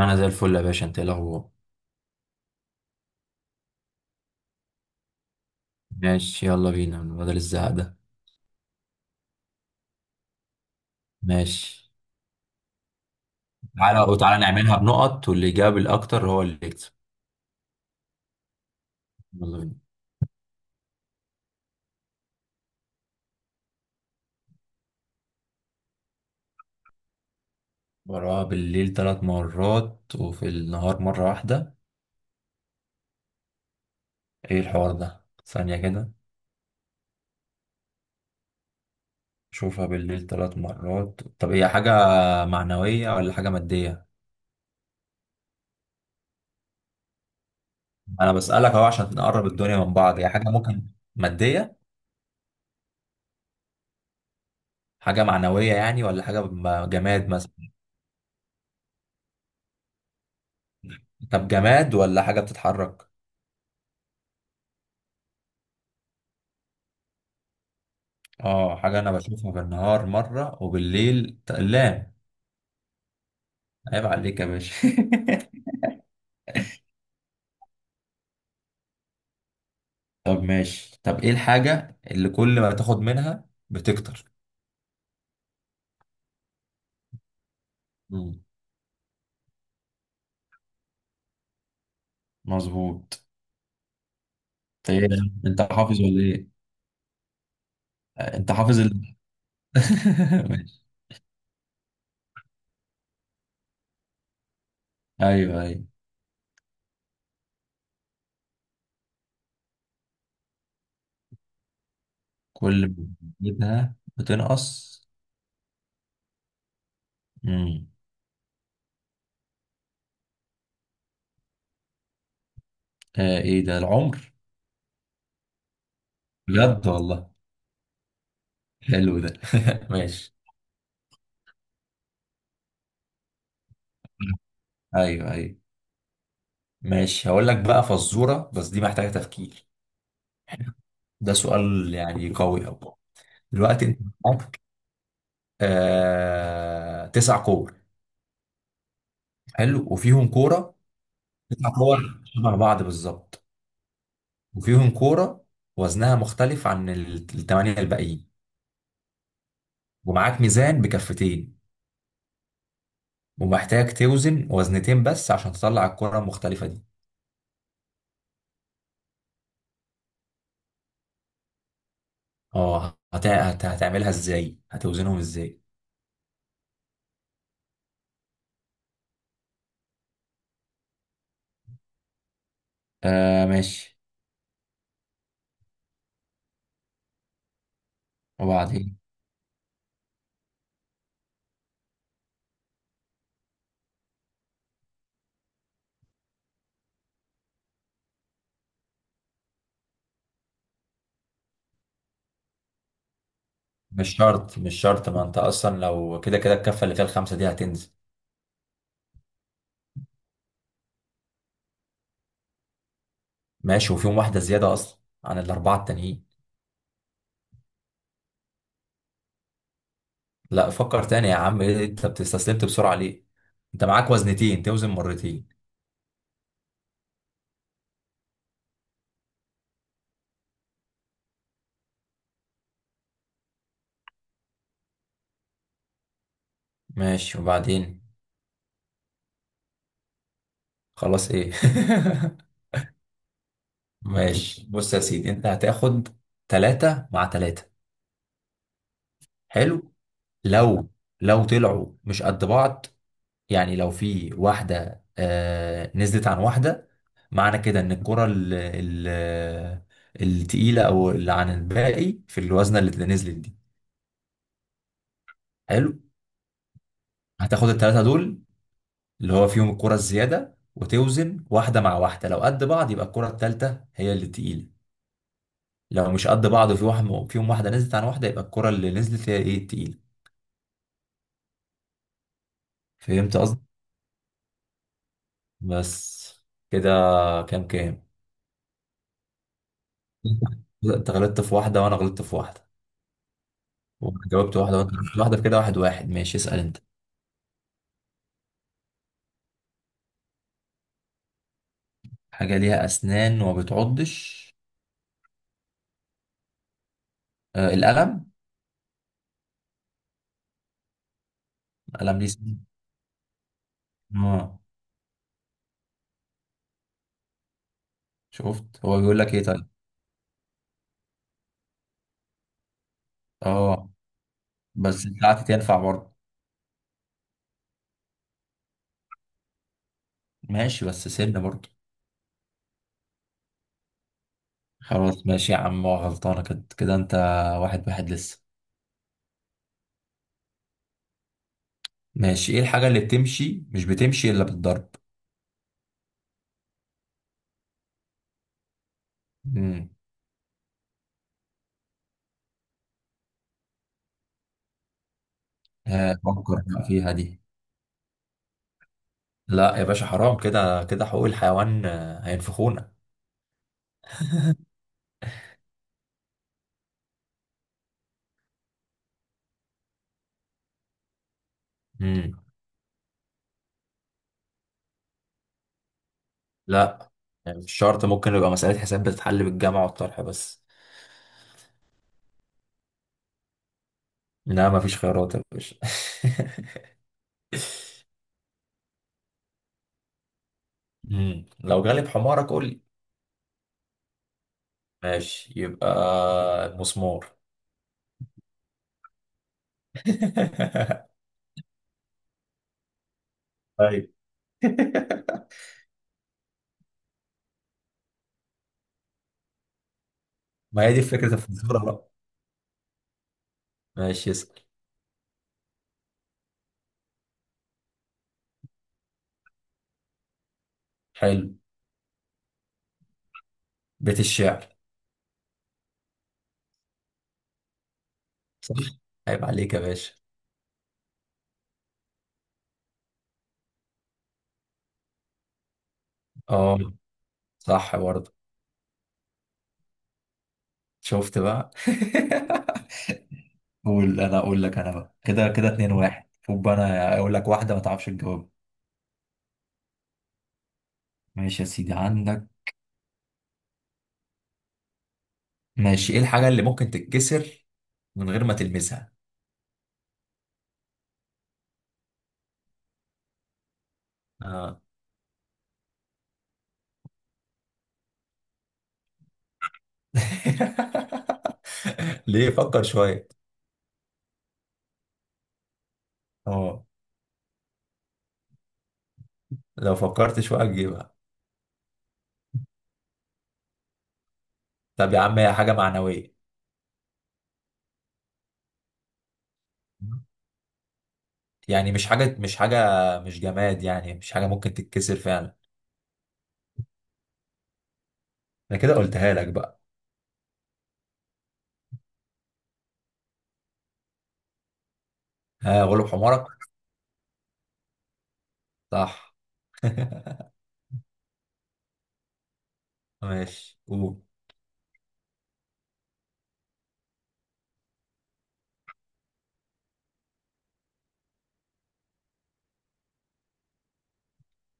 انا زي الفل يا باشا، انت ايه الاخبار؟ ماشي يلا بينا من بدل الزهق ده. ماشي، تعالى وتعالى نعملها بنقط واللي جاب الاكتر هو اللي يكسب. يلا بينا. وراها بالليل 3 مرات وفي النهار مرة واحدة. ايه الحوار ده؟ ثانية كده. شوفها بالليل 3 مرات، طب هي حاجة معنوية ولا حاجة مادية؟ انا بسألك اهو عشان نقرب الدنيا من بعض، هي حاجة ممكن مادية؟ حاجة معنوية يعني ولا حاجة جماد مثلا؟ طب جماد ولا حاجة بتتحرك؟ اه، حاجة أنا بشوفها بالنهار مرة وبالليل لا. عيب عليك يا باشا. طب ماشي، طب إيه الحاجة اللي كل ما تاخد منها بتكتر؟ مم. مظبوط. أنت إيه ده؟ أنت حافظ ولا إيه؟ آه، أنت حافظ. ماشي. أيوه أيوه. كل ما بتاخدها بتنقص. مم. آه، إيه ده؟ العمر؟ بجد والله، حلو ده. ماشي. أيوه أيوه. ماشي، هقول لك بقى فزورة بس دي محتاجة تفكير. ده سؤال يعني قوي أوي. دلوقتي انت معاك آه 9 كور. حلو، وفيهم كوره. 9 كور شبه بعض بالظبط، وفيهم كوره وزنها مختلف عن 8 الباقيين. ومعاك ميزان بكفتين، ومحتاج توزن وزنتين بس عشان تطلع الكوره المختلفه دي. اه، هتعملها ازاي؟ هتوزنهم ازاي؟ آه ماشي، وبعدين؟ مش شرط مش شرط، ما انت اصلا لو كده كده الكفه اللي فيها الخمسه دي هتنزل. ماشي، وفيهم واحده زياده اصلا عن الاربعه التانيين. لا فكر تاني يا عم، إيه انت بتستسلمت بسرعة ليه؟ انت معاك وزنتين، توزن مرتين. ماشي، وبعدين؟ خلاص ايه؟ ماشي بص يا سيدي، انت هتاخد 3 مع 3. حلو. لو لو طلعوا مش قد بعض، يعني لو في واحدة آه نزلت عن واحدة، معنى كده ان الكرة التقيلة او اللي عن الباقي في الوزنة اللي نزلت دي. حلو. هتاخد التلاتة دول اللي هو فيهم الكرة الزيادة، وتوزن واحدة مع واحدة، لو قد بعض يبقى الكرة التالتة هي اللي تقيلة. لو مش قد بعض وفي واحد فيهم واحدة نزلت عن واحدة، يبقى الكرة اللي نزلت هي ايه، التقيلة. فهمت قصدي؟ بس كده. كام كام؟ انت غلطت في واحدة وانا غلطت في واحدة، وجاوبت واحدة وانت غلطت في واحدة، في كده 1-1. ماشي، اسأل انت. حاجة ليها أسنان وما بتعضش. آه، القلم. القلم ليه سنان؟ اه. شفت هو بيقول لك ايه؟ طيب، اه. بس بتاعتي تنفع برضه. ماشي، بس سن برضه. خلاص ماشي يا عم، هو غلطانة كده كده انت. واحد واحد لسه. ماشي، ايه الحاجة اللي بتمشي مش بتمشي الا بالضرب؟ امم ها، فكر بقى فيها دي. لا يا باشا، حرام كده كده، حقوق الحيوان هينفخونا. امم لا، يعني مش شرط، ممكن يبقى مسألة حساب بتتحل بالجمع والطرح بس. لا مفيش خيارات يا باشا. لو غالب حمارك قول لي. ماشي، يبقى المسمار. طيب، ما هي دي فكرة الفزورة بقى. ماشي اسأل. حلو، بيت الشعر. صح. عيب عليك يا باشا. اه صح برضه. شفت بقى. قول، انا اقول لك، انا بقى كده كده 2-1، خد بقى انا اقول لك واحده ما تعرفش تجاوب. ماشي يا سيدي عندك. ماشي، ايه الحاجه اللي ممكن تتكسر من غير ما تلمسها؟ اه. ليه، فكر شويه. اه، لو فكرت شويه تجيبها. طب يا عم، هي حاجه معنويه يعني، مش حاجه مش حاجه مش جماد يعني، مش حاجه ممكن تتكسر فعلا. انا كده قلتها لك بقى. ها، غلب حمارك. صح. ماشي قول.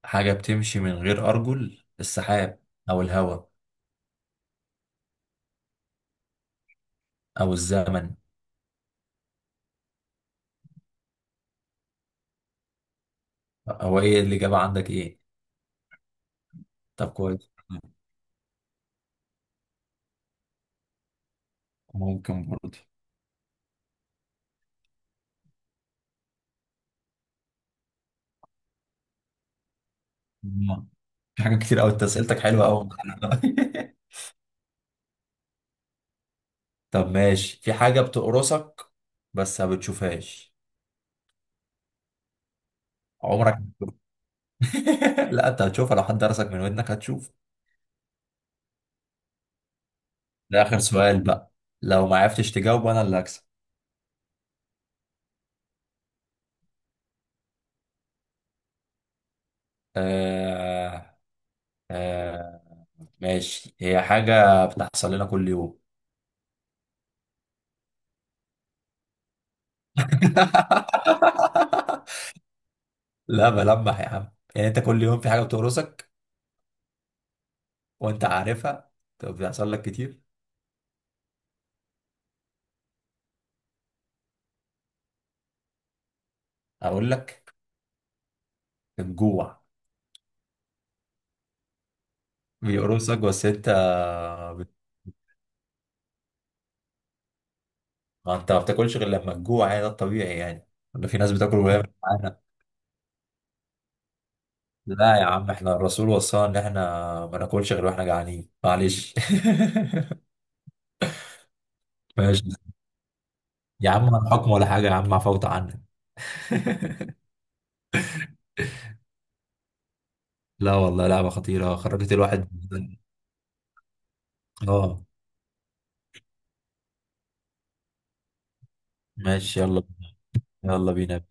حاجة بتمشي من غير أرجل؟ السحاب، أو الهواء، أو الزمن. هو إيه الإجابة عندك، إيه؟ طب كويس. ممكن برضه. مم. في حاجة كتير أوي، أنت أسئلتك حلوة أوي. طب ماشي، في حاجة بتقرصك بس ما بتشوفهاش. عمرك ما هتشوفها. لا أنت هتشوفها، لو حد درسك من ودنك هتشوف. ده آخر سؤال بقى، لو ما عرفتش تجاوب أنا اللي هكسب. آه... آه ماشي، هي حاجة بتحصل لنا كل يوم. لا بلمح يا عم، يعني انت كل يوم في حاجة بتقرصك وانت عارفها، طب بيحصل لك كتير. اقول لك، الجوع. بيقرصك بس انت. بت- ما انت ما بتاكلش غير لما تجوع، يعني ده الطبيعي يعني، ولا في ناس بتاكل وهي مش جعانة؟ لا يا عم، احنا الرسول وصانا ان احنا ما ناكلش غير واحنا جعانين. معلش. ماشي يا عم الحكم ولا حاجة يا عم، عفوت عنك. لا والله لعبة خطيرة، خرجت الواحد. اه ماشي، يلا، يلا بينا.